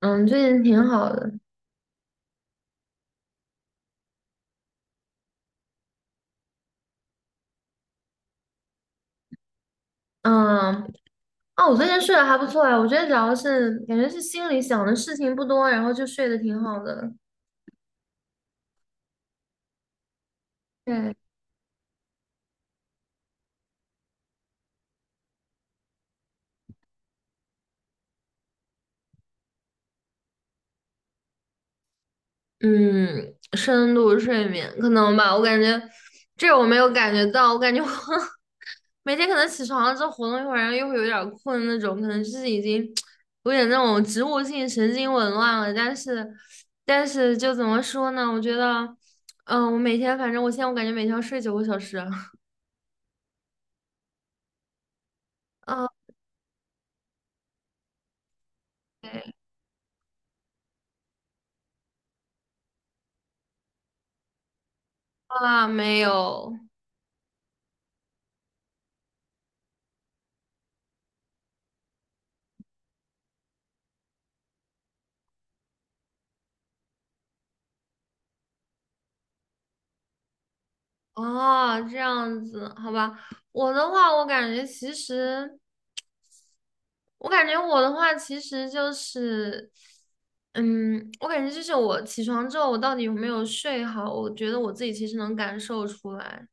嗯，最近挺好的。嗯，哦，我最近睡得还不错啊，我觉得主要是感觉是心里想的事情不多，然后就睡得挺好的。对，嗯，深度睡眠可能吧，我感觉这我没有感觉到，我感觉我 每天可能起床了之后活动一会儿，然后又会有点儿困那种，可能就是已经有点那种植物性神经紊乱了。但是，就怎么说呢？我觉得，嗯，我每天反正我现在我感觉每天要睡9个小时啊。对啊，没有哦，这样子，好吧。我的话，我感觉其实，我感觉我的话其实就是，嗯，我感觉就是我起床之后，我到底有没有睡好，我觉得我自己其实能感受出来。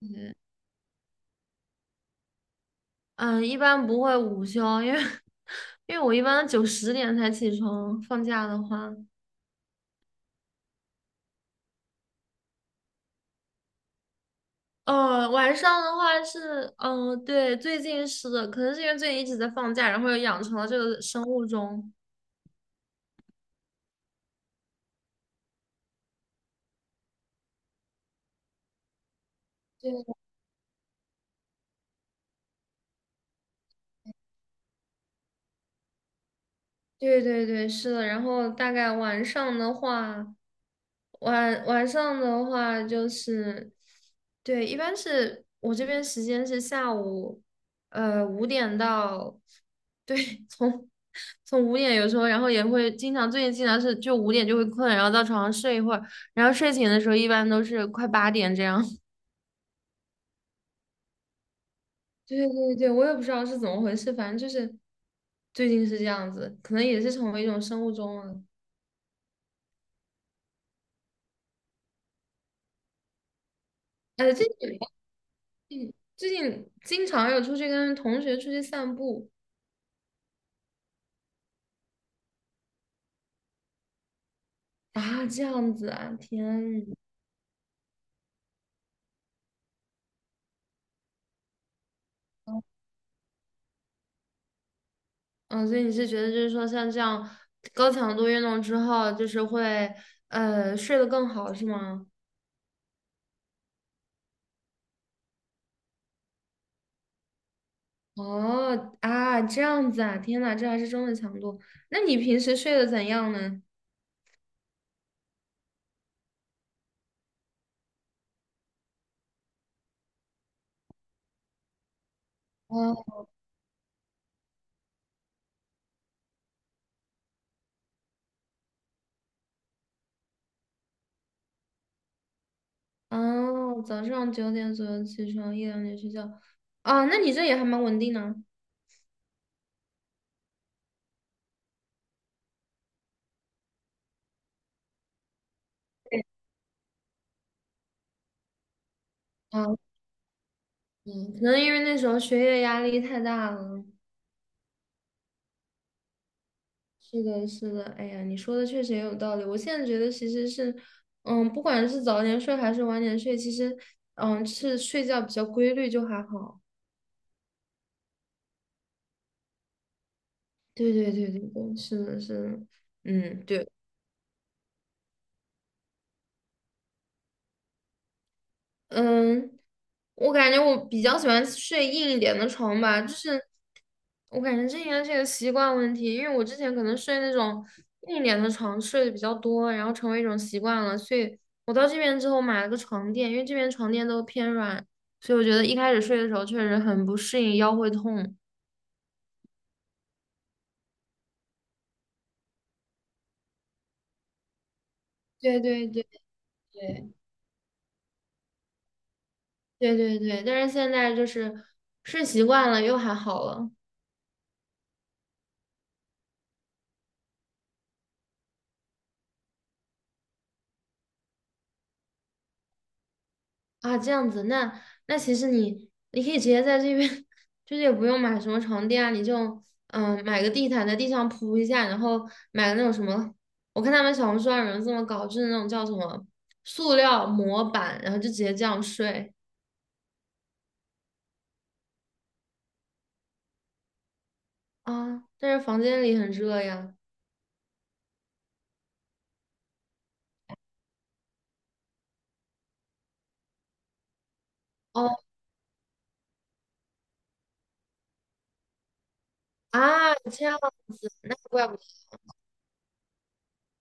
嗯，嗯，一般不会午休，因为 我一般9、10点才起床，放假的话。晚上的话是，嗯、对，最近是的，可能是因为最近一直在放假，然后又养成了这个生物钟。对对对，是的。然后大概晚上的话，晚上的话就是，对，一般是我这边时间是下午，五点到，对，从五点有时候，然后也会经常，最近经常是就五点就会困，然后到床上睡一会儿，然后睡醒的时候一般都是快8点这样。对对对，我也不知道是怎么回事，反正就是最近是这样子，可能也是成为一种生物钟了。呃，这。最近经常有出去跟同学出去散步啊，这样子啊，天呐，嗯，所以你是觉得就是说像这样高强度运动之后，就是会睡得更好是吗？哦啊，这样子啊，天呐，这还是中等强度。那你平时睡得怎样呢？哦哦，早上9点左右起床，1、2点睡觉。啊，那你这也还蛮稳定呢。啊，嗯，可能因为那时候学业压力太大了。是的，是的，哎呀，你说的确实也有道理。我现在觉得其实是，嗯，不管是早点睡还是晚点睡，其实，嗯，是睡觉比较规律就还好。对对对对对，是的，是的，嗯，对。嗯，我感觉我比较喜欢睡硬一点的床吧，就是我感觉这应该是一个习惯问题，因为我之前可能睡那种硬一点的床睡的比较多，然后成为一种习惯了，所以我到这边之后买了个床垫，因为这边床垫都偏软，所以我觉得一开始睡的时候确实很不适应，腰会痛。对对对对对对对，但是现在就是睡习惯了，又还好了。啊，这样子，那其实你可以直接在这边，就是也不用买什么床垫啊，你就买个地毯在地上铺一下，然后买个那种什么，我看他们小红书上有人这么搞，就是那种叫什么塑料模板，然后就直接这样睡啊，但是房间里很热呀。哦啊，这样子，那怪不得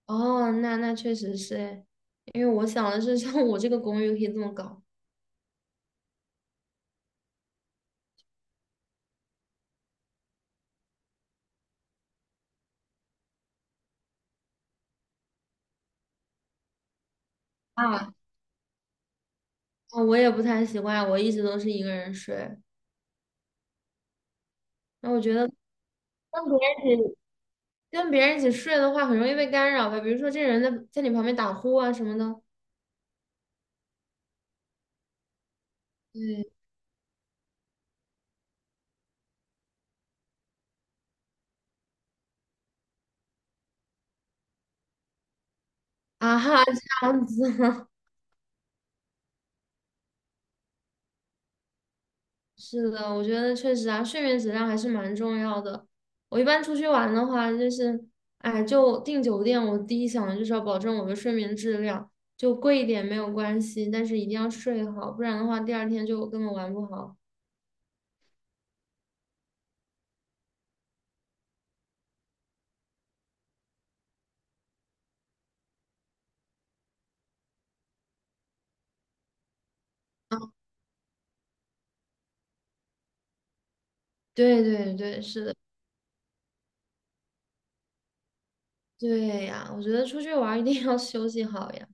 哦，那确实是诶，因为我想的是 像我这个公寓可以这么搞啊，啊我也不太习惯，我一直都是一个人睡。那我觉得。跟别人一起睡的话，很容易被干扰吧？比如说这人在你旁边打呼啊什么的。对啊哈，这样子 是的，我觉得确实啊，睡眠质量还是蛮重要的。我一般出去玩的话，就是哎，就订酒店，我第一想的就是要保证我的睡眠质量，就贵一点没有关系，但是一定要睡好，不然的话第二天就根本玩不好。对对对，是的，对呀，我觉得出去玩儿一定要 休息好呀。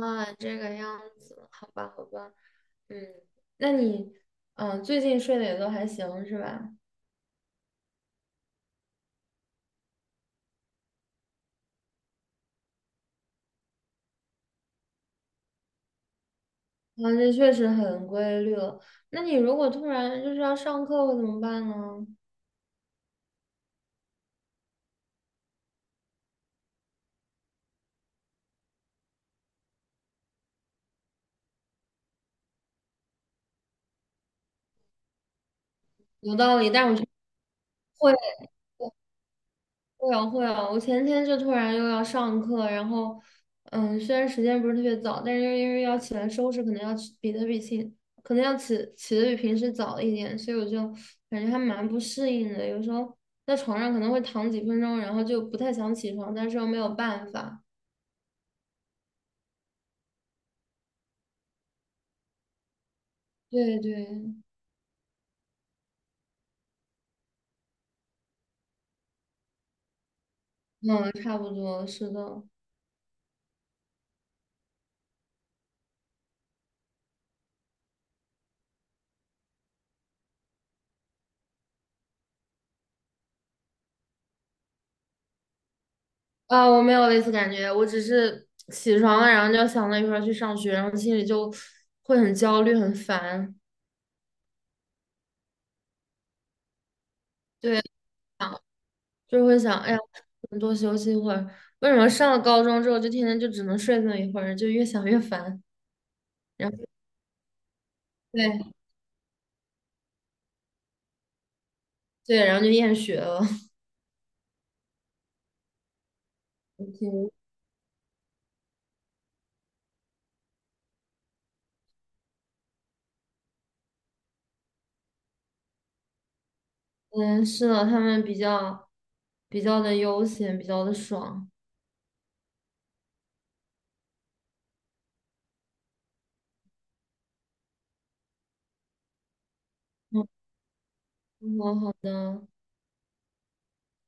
啊，这个样子，好吧，好吧，嗯，那你，嗯，最近睡的也都还行是吧？啊，这确实很规律了。那你如果突然就是要上课会怎么办呢？有道理，但我觉得会会啊，我前天就突然又要上课，然后，嗯，虽然时间不是特别早，但是因为要起来收拾，可能要起起的比平时早一点，所以我就感觉还蛮不适应的。有时候在床上可能会躺几分钟，然后就不太想起床，但是又没有办法。对对，嗯，差不多是的。啊，我没有类似感觉，我只是起床了，然后就想着一会儿去上学，然后心里就会很焦虑、很烦。对。就会想，哎呀，能多休息一会儿。为什么上了高中之后就天天就只能睡那么一会儿，就越想越烦，然后对对，然后就厌学了。嗯，嗯是的，他们比较的悠闲，比较的爽。嗯，好好的。